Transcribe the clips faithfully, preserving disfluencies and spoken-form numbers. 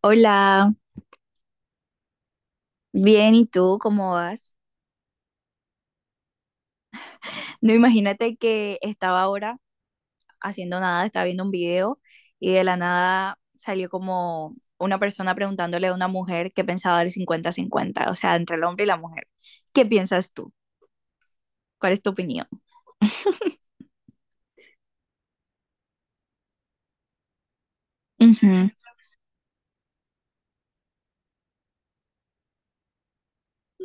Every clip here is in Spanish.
Hola, bien, ¿y tú cómo vas? No, imagínate que estaba ahora haciendo nada, estaba viendo un video y de la nada salió como una persona preguntándole a una mujer qué pensaba del cincuenta cincuenta, o sea, entre el hombre y la mujer. ¿Qué piensas tú? ¿Cuál es tu opinión? Ujú.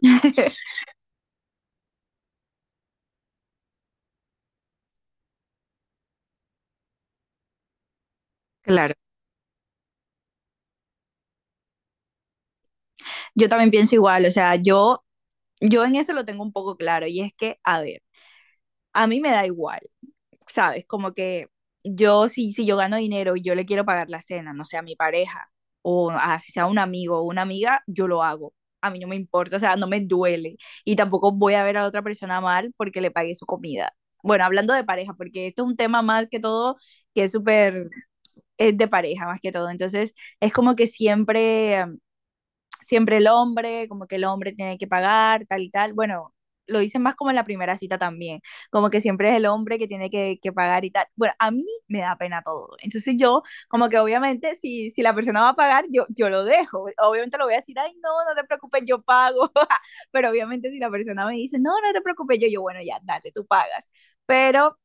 Claro, yo también pienso igual, o sea, yo, yo en eso lo tengo un poco claro y es que, a ver, a mí me da igual. ¿Sabes? Como que yo, si, si yo gano dinero y yo le quiero pagar la cena, no sé, a mi pareja, o a, si sea un amigo o una amiga, yo lo hago. A mí no me importa, o sea, no me duele. Y tampoco voy a ver a otra persona mal porque le pagué su comida. Bueno, hablando de pareja, porque esto es un tema más que todo que es súper, es de pareja más que todo. Entonces, es como que siempre siempre el hombre, como que el hombre tiene que pagar, tal y tal. Bueno, lo dicen más como en la primera cita también, como que siempre es el hombre que tiene que, que, pagar y tal. Bueno, a mí me da pena todo. Entonces yo, como que obviamente si, si, la persona va a pagar, yo, yo lo dejo. Obviamente lo voy a decir, ay, no, no te preocupes, yo pago. Pero obviamente si la persona me dice, no, no te preocupes, yo, yo, bueno, ya, dale, tú pagas. Pero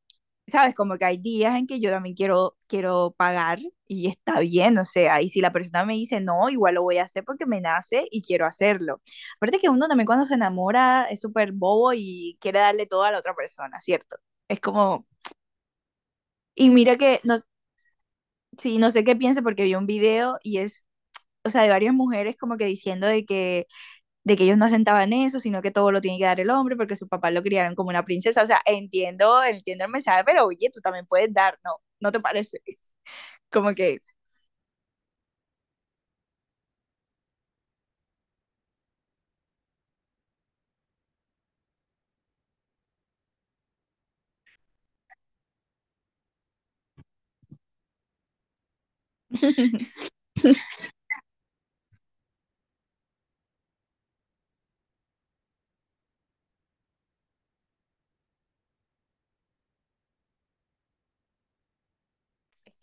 sabes, como que hay días en que yo también quiero, quiero pagar y está bien, o sea, y si la persona me dice no, igual lo voy a hacer porque me nace y quiero hacerlo. Aparte que uno también cuando se enamora es súper bobo y quiere darle todo a la otra persona, ¿cierto? Es como, y mira que, no, sí, no sé qué piense porque vi un video y es, o sea, de varias mujeres como que diciendo de que, de que ellos no asentaban eso, sino que todo lo tiene que dar el hombre porque su papá lo criaron como una princesa, o sea, entiendo, entiendo el mensaje, pero oye, tú también puedes dar, ¿no? ¿No te parece? Como que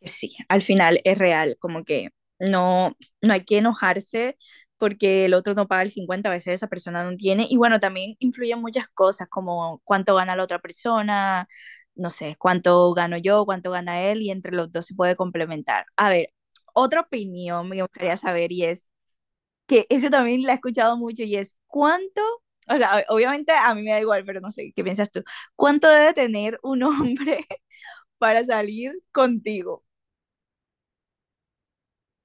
sí, al final es real, como que no, no hay que enojarse porque el otro no paga el cincuenta a veces esa persona no tiene. Y bueno, también influyen muchas cosas, como cuánto gana la otra persona, no sé, cuánto gano yo, cuánto gana él, y entre los dos se puede complementar. A ver, otra opinión me gustaría saber y es que eso también la he escuchado mucho y es cuánto, o sea, o- obviamente a mí me da igual, pero no sé, ¿qué piensas tú? ¿Cuánto debe tener un hombre para salir contigo?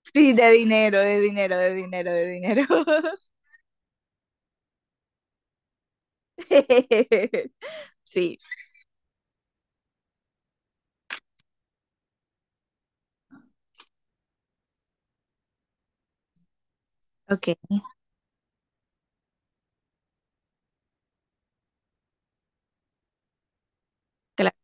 Sí, de dinero, de dinero, de dinero, de dinero. Sí. Ok, claro.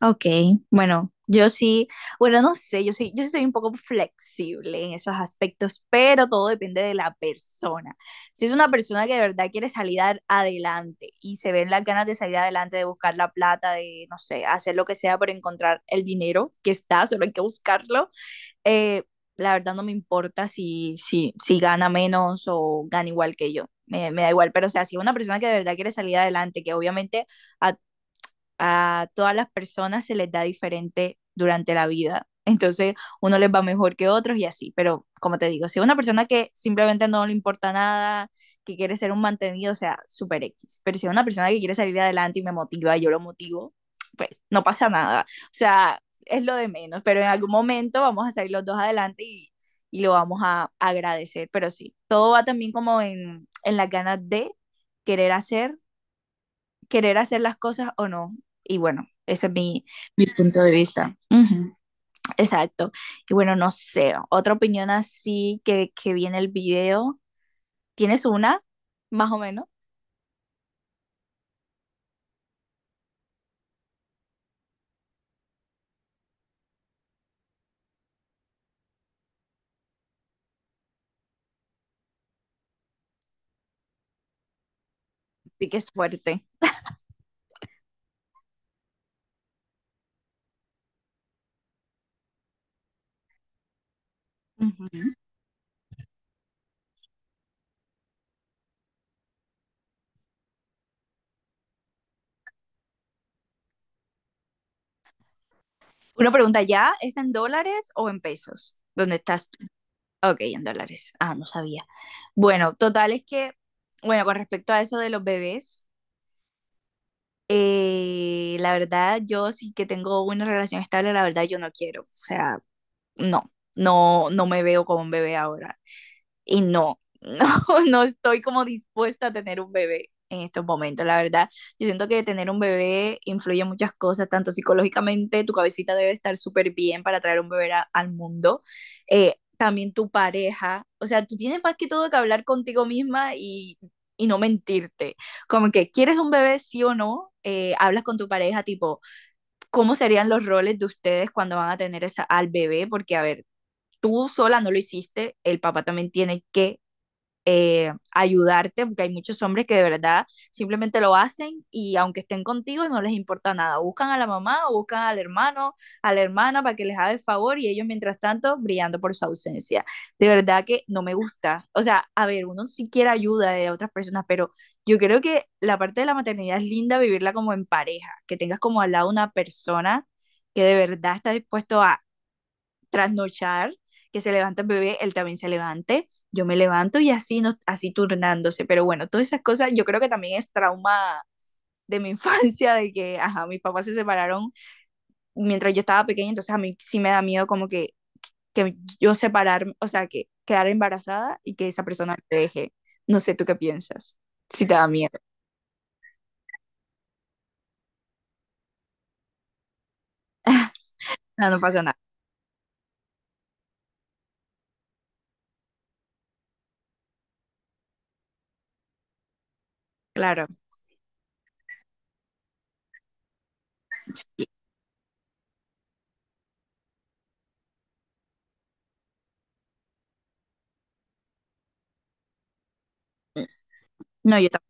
Ok, bueno, yo sí, bueno, no sé, yo sí, yo sí soy un poco flexible en esos aspectos, pero todo depende de la persona. Si es una persona que de verdad quiere salir a- adelante y se ven las ganas de salir adelante, de buscar la plata, de, no sé, hacer lo que sea por encontrar el dinero que está, solo hay que buscarlo, eh, la verdad no me importa si, si, si gana menos o gana igual que yo. Me, me da igual, pero o sea, si es una persona que de verdad quiere salir adelante, que obviamente a a todas las personas se les da diferente durante la vida. Entonces, uno les va mejor que otros y así. Pero, como te digo, si es una persona que simplemente no le importa nada, que quiere ser un mantenido, o sea, super X. Pero si es una persona que quiere salir adelante y me motiva, yo lo motivo, pues no pasa nada. O sea, es lo de menos. Pero en algún momento vamos a salir los dos adelante y, y lo vamos a agradecer. Pero sí, todo va también como en, en, las ganas de querer hacer querer hacer las cosas o no. Y bueno, ese es mi, mi punto de vista. Ujú, exacto. Y bueno, no sé, otra opinión así que, que vi en el video. ¿Tienes una? Más o menos. Sí que es fuerte. Ujú. Una pregunta ya, ¿es en dólares o en pesos? ¿Dónde estás tú? Ok, en dólares. Ah, no sabía. Bueno, total es que, bueno, con respecto a eso de los bebés, eh, la verdad, yo sí que tengo una relación estable, la verdad, yo no quiero. O sea, no, no, no me veo como un bebé ahora. Y no, no, no estoy como dispuesta a tener un bebé en estos momentos, la verdad. Yo siento que tener un bebé influye en muchas cosas, tanto psicológicamente, tu cabecita debe estar súper bien para traer un bebé a- al mundo, eh, también tu pareja, o sea, tú tienes más que todo que hablar contigo misma y, y no mentirte, como que quieres un bebé sí o no, eh, hablas con tu pareja tipo, ¿cómo serían los roles de ustedes cuando van a tener esa, al bebé? Porque, a ver, tú sola no lo hiciste, el papá también tiene que eh, ayudarte, porque hay muchos hombres que de verdad simplemente lo hacen y aunque estén contigo no les importa nada, buscan a la mamá o buscan al hermano, a la hermana para que les haga el favor y ellos mientras tanto brillando por su ausencia. De verdad que no me gusta. O sea, a ver, uno sí quiere ayuda de otras personas, pero yo creo que la parte de la maternidad es linda vivirla como en pareja, que tengas como al lado una persona que de verdad está dispuesto a trasnochar, que se levanta el bebé, él también se levante, yo me levanto y así, nos, así turnándose. Pero bueno, todas esas cosas yo creo que también es trauma de mi infancia, de que, ajá, mis papás se separaron mientras yo estaba pequeña, entonces a mí sí me da miedo como que, que yo separarme, o sea, que quedar embarazada y que esa persona te deje. No sé tú qué piensas, si te da miedo. No, no pasa nada, claro. No, yo tampoco.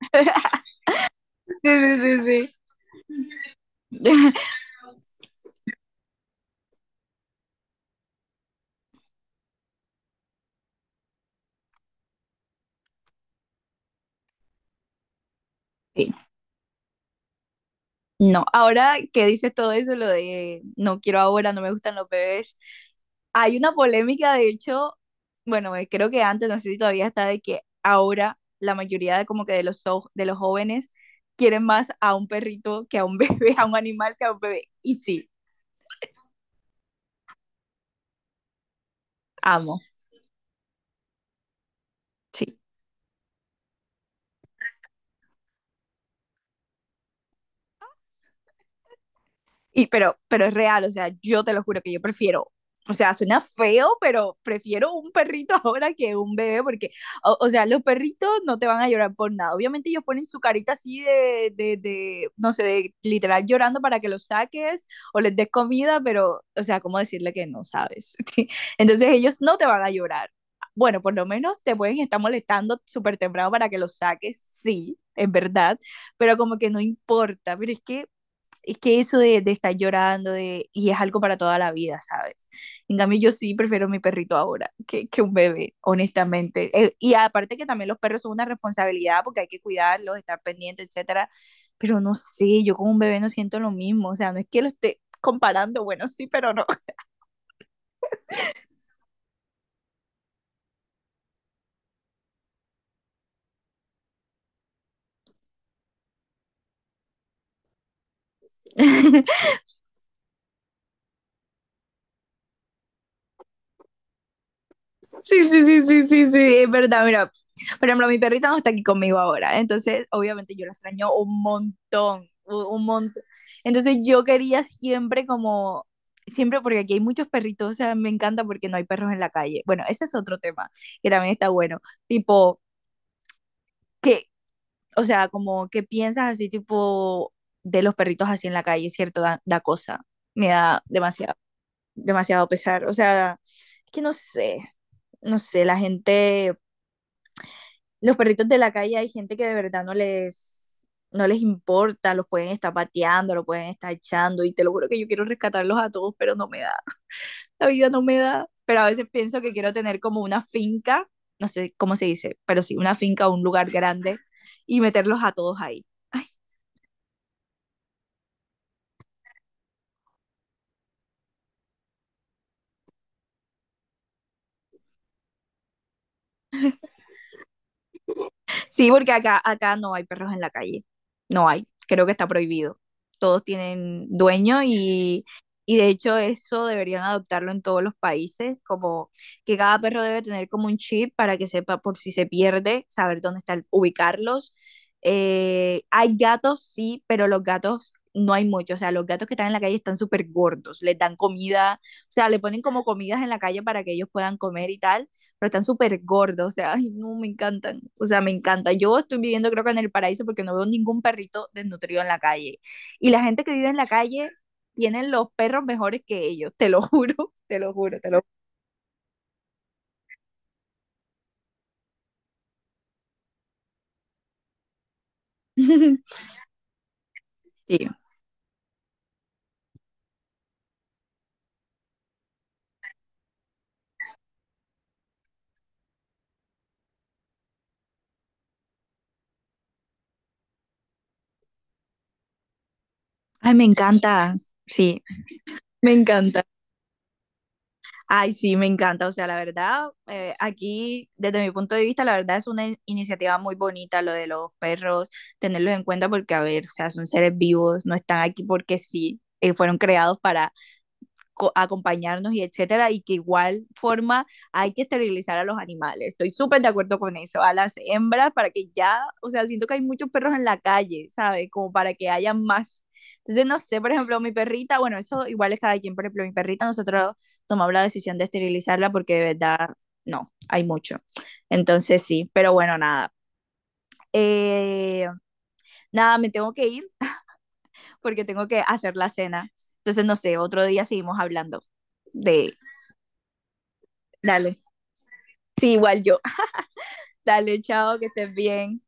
Sí, sí, sí, sí. Sí. No, ahora que dices todo eso, lo de no quiero ahora, no me gustan los bebés, hay una polémica, de hecho, bueno, eh, creo que antes, no sé si todavía está, de que ahora la mayoría de como que de los, jo- de los jóvenes quieren más a un perrito que a un bebé, a un animal que a un bebé. Y sí, amo. Sí. Y, pero, pero es real, o sea, yo te lo juro que yo prefiero, o sea, suena feo, pero prefiero un perrito ahora que un bebé, porque, o, o sea, los perritos no te van a llorar por nada. Obviamente ellos ponen su carita así de, de, de, no sé, de literal llorando para que los saques o les des comida, pero, o sea, ¿cómo decirle que no sabes? Entonces ellos no te van a llorar. Bueno, por lo menos te pueden estar molestando súper temprano para que los saques, sí, es verdad, pero como que no importa, pero es que es que eso de, de, estar llorando de, y es algo para toda la vida, ¿sabes? En cambio, yo sí prefiero mi perrito ahora que, que un bebé, honestamente. Eh, y aparte que también los perros son una responsabilidad porque hay que cuidarlos, estar pendiente, etcétera. Pero no sé, yo con un bebé no siento lo mismo, o sea, no es que lo esté comparando, bueno, sí, pero no. Sí, sí, sí, sí, sí, sí, es verdad, mira. Por ejemplo, mi perrita no está aquí conmigo ahora, entonces obviamente yo la extraño un montón, u- un montón. Entonces yo quería siempre como, siempre porque aquí hay muchos perritos, o sea, me encanta porque no hay perros en la calle. Bueno, ese es otro tema que también está bueno, tipo, que, o sea, como que piensas así tipo de los perritos así en la calle, ¿cierto? Da, da, cosa, me da demasiado, demasiado pesar, o sea, es que no sé, no sé, la gente los perritos de la calle hay gente que de verdad no les, no les importa, los pueden estar pateando, los pueden estar echando y te lo juro que yo quiero rescatarlos a todos, pero no me da, la vida no me da. Pero a veces pienso que quiero tener como una finca, no sé cómo se dice, pero sí, una finca o un lugar grande y meterlos a todos ahí. Ay, sí, porque acá, acá no hay perros en la calle. No hay. Creo que está prohibido. Todos tienen dueño y, y de hecho eso deberían adoptarlo en todos los países, como que cada perro debe tener como un chip para que sepa por si se pierde, saber dónde están, ubicarlos. Eh, hay gatos, sí, pero los gatos no hay mucho. O sea, los gatos que están en la calle están súper gordos, les dan comida, o sea, le ponen como comidas en la calle para que ellos puedan comer y tal pero están súper gordos, o sea, ay, no, me encantan, o sea, me encanta. Yo estoy viviendo creo que en el paraíso porque no veo ningún perrito desnutrido en la calle. Y la gente que vive en la calle tienen los perros mejores que ellos, te lo juro, te lo juro, te lo juro. Sí, ay, me encanta, sí, me encanta. Ay, sí, me encanta, o sea, la verdad, eh, aquí, desde mi punto de vista, la verdad es una in- iniciativa muy bonita lo de los perros, tenerlos en cuenta porque, a ver, o sea, son seres vivos, no están aquí porque sí, eh, fueron creados para acompañarnos y etcétera, y que igual forma hay que esterilizar a los animales. Estoy súper de acuerdo con eso, a las hembras para que ya, o sea, siento que hay muchos perros en la calle, ¿sabes? Como para que haya más. Entonces, no sé, por ejemplo, mi perrita, bueno, eso igual es cada quien, por ejemplo, mi perrita, nosotros tomamos la decisión de esterilizarla porque de verdad, no, hay mucho. Entonces, sí, pero bueno, nada. Eh, nada, me tengo que ir porque tengo que hacer la cena. Entonces, no sé, otro día seguimos hablando de... Dale. Sí, igual yo. Dale, chao, que estés bien.